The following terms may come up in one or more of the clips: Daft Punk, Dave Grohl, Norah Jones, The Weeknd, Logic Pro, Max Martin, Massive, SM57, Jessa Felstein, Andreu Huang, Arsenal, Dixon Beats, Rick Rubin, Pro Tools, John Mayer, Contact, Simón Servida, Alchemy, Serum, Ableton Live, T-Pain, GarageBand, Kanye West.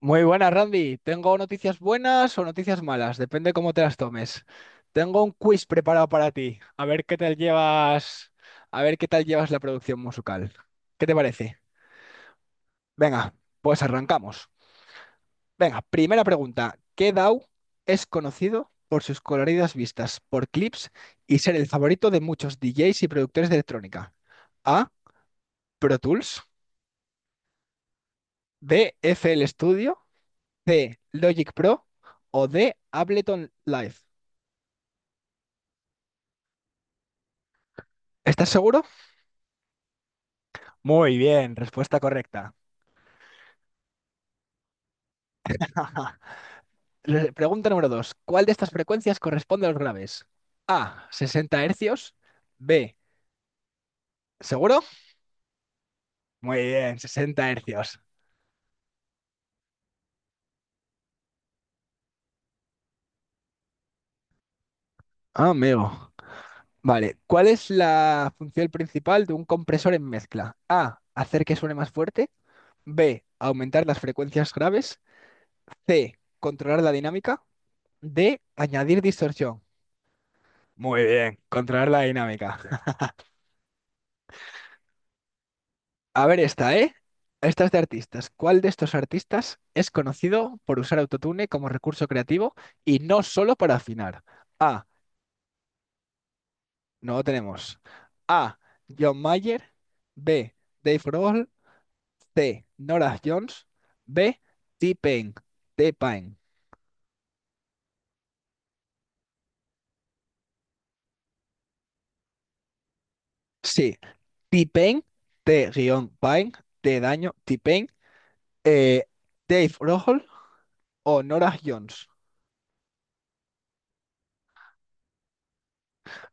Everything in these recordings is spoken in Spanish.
Muy buenas, Randy. Tengo noticias buenas o noticias malas, depende cómo te las tomes. Tengo un quiz preparado para ti. A ver qué tal llevas la producción musical. ¿Qué te parece? Venga, pues arrancamos. Venga, primera pregunta. ¿Qué DAO es conocido por sus coloridas vistas, por clips y ser el favorito de muchos DJs y productores de electrónica? A. Pro Tools. B. FL Studio. C. Logic Pro. O D. Ableton Live. ¿Estás seguro? Muy bien, respuesta correcta. Pregunta número 2. ¿Cuál de estas frecuencias corresponde a los graves? A, 60 Hz. B, ¿seguro? Muy bien, 60 Hz. Ah, amigo. Vale, ¿cuál es la función principal de un compresor en mezcla? A, hacer que suene más fuerte. B, aumentar las frecuencias graves. C, controlar la dinámica. D, añadir distorsión. Muy bien, controlar la dinámica. A ver esta, ¿eh? Esta es de artistas. ¿Cuál de estos artistas es conocido por usar autotune como recurso creativo y no solo para afinar? A. No lo tenemos. A. John Mayer. B. Dave Grohl. C. Norah Jones. B. T-Pain. T-Pain. Sí. T-Pain. T-Pain. T daño. T-Pain. eh, Dave Grohl o Norah Jones.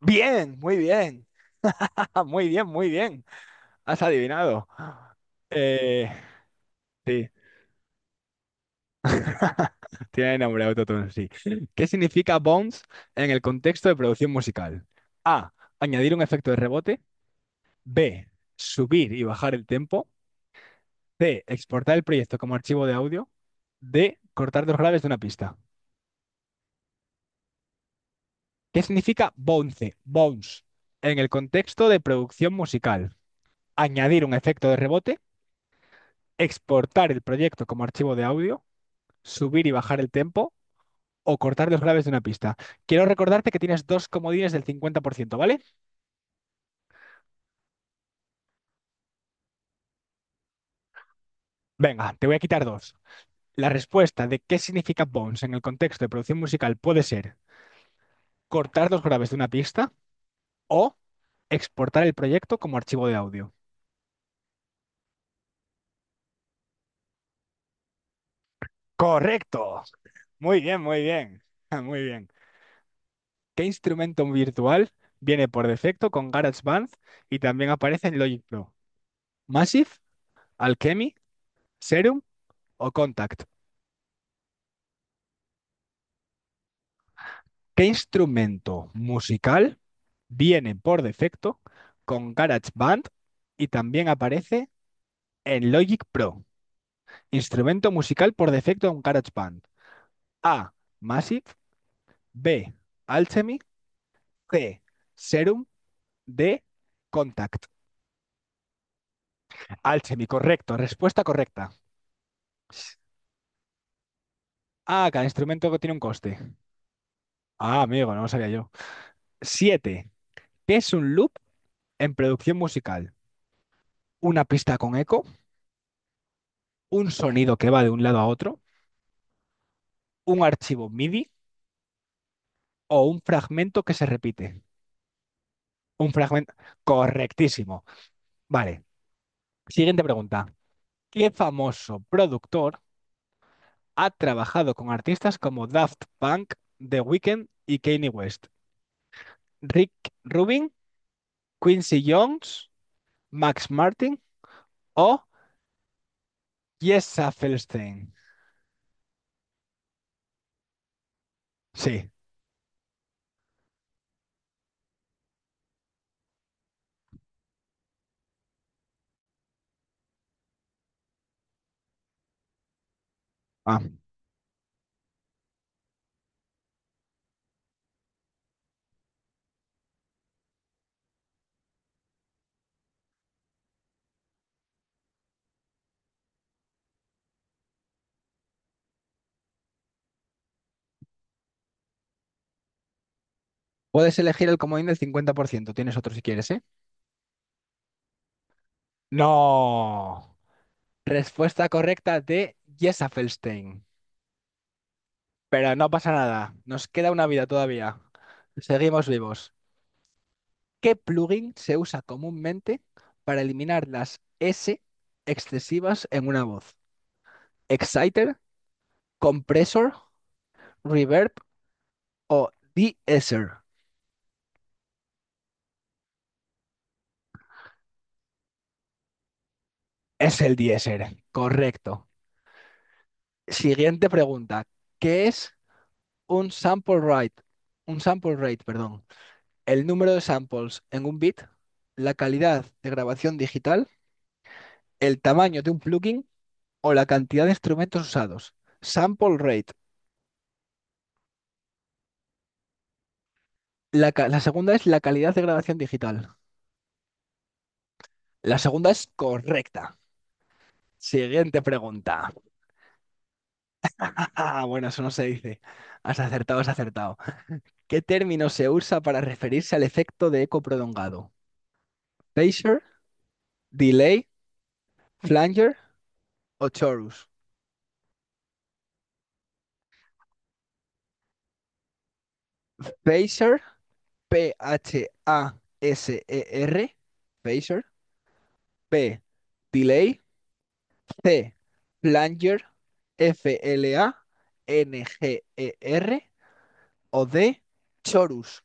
Bien, muy bien. Muy bien, muy bien. Has adivinado. Eh, sí, tiene nombre autotune, sí. ¿Qué significa bounce en el contexto de producción musical? A. Añadir un efecto de rebote. B. Subir y bajar el tempo. C. Exportar el proyecto como archivo de audio. D. Cortar dos graves de una pista. ¿Qué significa bounce? Bounce. En el contexto de producción musical. Añadir un efecto de rebote. Exportar el proyecto como archivo de audio. Subir y bajar el tempo. O cortar los graves de una pista. Quiero recordarte que tienes dos comodines del 50%, ¿vale? Venga, te voy a quitar dos. La respuesta de qué significa bounce en el contexto de producción musical puede ser cortar los graves de una pista o exportar el proyecto como archivo de audio. Correcto. Muy bien, muy bien. Muy bien. ¿Qué instrumento virtual viene por defecto con GarageBand y también aparece en Logic Pro? ¿Massive, Alchemy, Serum o Contact? ¿Qué instrumento musical viene por defecto con GarageBand y también aparece en Logic Pro? Instrumento musical por defecto en GarageBand. A. Massive. B. Alchemy. C. Serum. D. Contact. Alchemy, correcto. Respuesta correcta. Ah, cada instrumento que tiene un coste. Ah, amigo, no lo sabía yo. 7. ¿Qué es un loop en producción musical? Una pista con eco, un sonido que va de un lado a otro, un archivo MIDI, o un fragmento que se repite. Un fragmento. Correctísimo. Vale. Siguiente pregunta. ¿Qué famoso productor ha trabajado con artistas como Daft Punk, The Weeknd y Kanye West? Rick Rubin, Quincy Jones, Max Martin o Jessa Felstein. Sí. Ah. Puedes elegir el comodín del 50%. Tienes otro si quieres, ¿eh? No. Respuesta correcta de Jessa Felstein. Pero no pasa nada, nos queda una vida todavía. Seguimos vivos. ¿Qué plugin se usa comúnmente para eliminar las S excesivas en una voz? ¿Exciter, compressor, reverb o de-esser? Es el de-esser, correcto. Siguiente pregunta. ¿Qué es un sample rate? Un sample rate, perdón. El número de samples en un bit, la calidad de grabación digital, el tamaño de un plugin o la cantidad de instrumentos usados. Sample rate. La segunda es la calidad de grabación digital. La segunda es correcta. Siguiente pregunta. Bueno, eso no se dice. Has acertado, has acertado. ¿Qué término se usa para referirse al efecto de eco prolongado? Pacer, delay, flanger o chorus. Pacer, P-H-A-S-E-R, pacer, P, delay, T. Flanger, F-L-A-N-G-E-R o D. Chorus,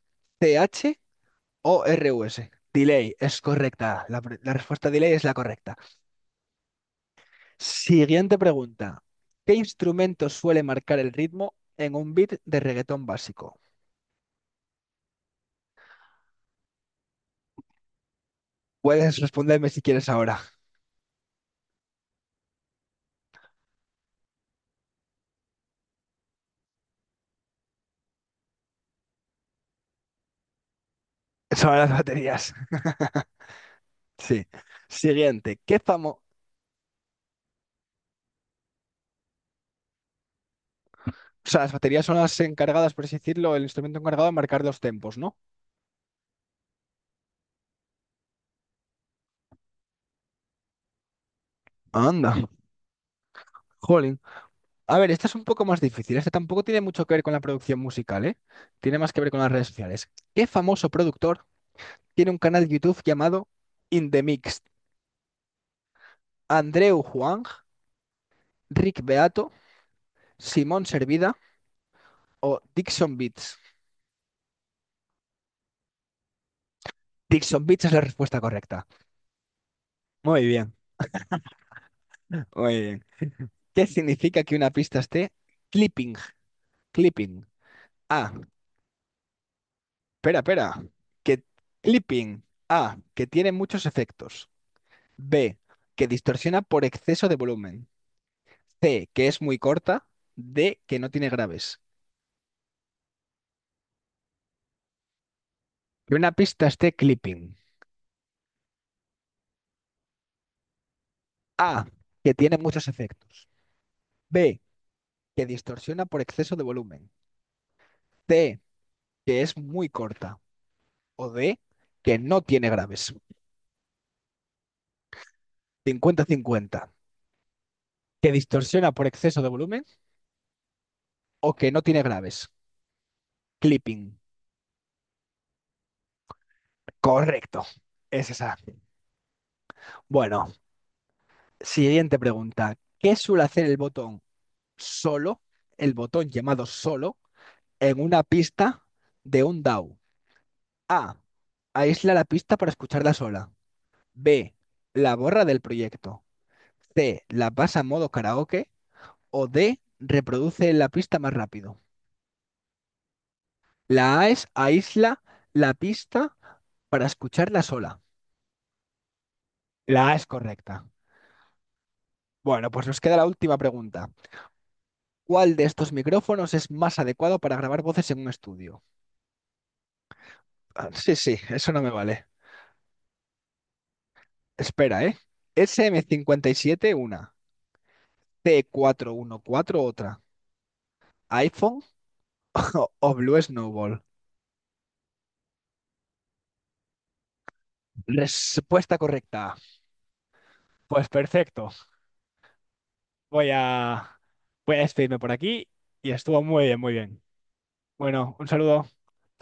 C-H-O-R-U-S. Delay es correcta. La respuesta delay es la correcta. Siguiente pregunta. ¿Qué instrumento suele marcar el ritmo en un beat de reggaetón básico? Puedes responderme si quieres ahora. Son las baterías. Sí. Siguiente. ¿Qué famoso? O sea, las baterías son las encargadas, por así decirlo, el instrumento encargado de marcar los tempos, ¿no? Anda. Jolín. A ver, esta es un poco más difícil. Esta tampoco tiene mucho que ver con la producción musical, ¿eh? Tiene más que ver con las redes sociales. ¿Qué famoso productor tiene un canal de YouTube llamado In The Mix? ¿Andreu Huang, Rick Beato, Simón Servida o Dixon Beats? Dixon Beats es la respuesta correcta. Muy bien, muy bien. ¿Qué significa que una pista esté clipping? Clipping. Ah, espera, espera. Que clipping. Ah, que tiene muchos efectos. B, que distorsiona por exceso de volumen. C, que es muy corta. D, que no tiene graves. Que una pista esté clipping. A, que tiene muchos efectos. B, que distorsiona por exceso de volumen. C, que es muy corta. O D, que no tiene graves. 50-50. Que distorsiona por exceso de volumen o que no tiene graves. Clipping. Correcto. Es esa. Bueno, siguiente pregunta. ¿Qué suele hacer el botón solo, el botón llamado solo, en una pista de un DAW? A. W. A. Aísla la pista para escucharla sola. B. La borra del proyecto. C. La pasa a modo karaoke. O D. Reproduce la pista más rápido. La A es aísla la pista para escucharla sola. La A es correcta. Bueno, pues nos queda la última pregunta. ¿Cuál de estos micrófonos es más adecuado para grabar voces en un estudio? Ah, sí, sí, eso no me vale. Espera, SM57 una, T414 otra, iPhone o Blue Snowball. Respuesta correcta. Pues perfecto. Voy a, voy a despedirme por aquí y estuvo muy bien, muy bien. Bueno, un saludo.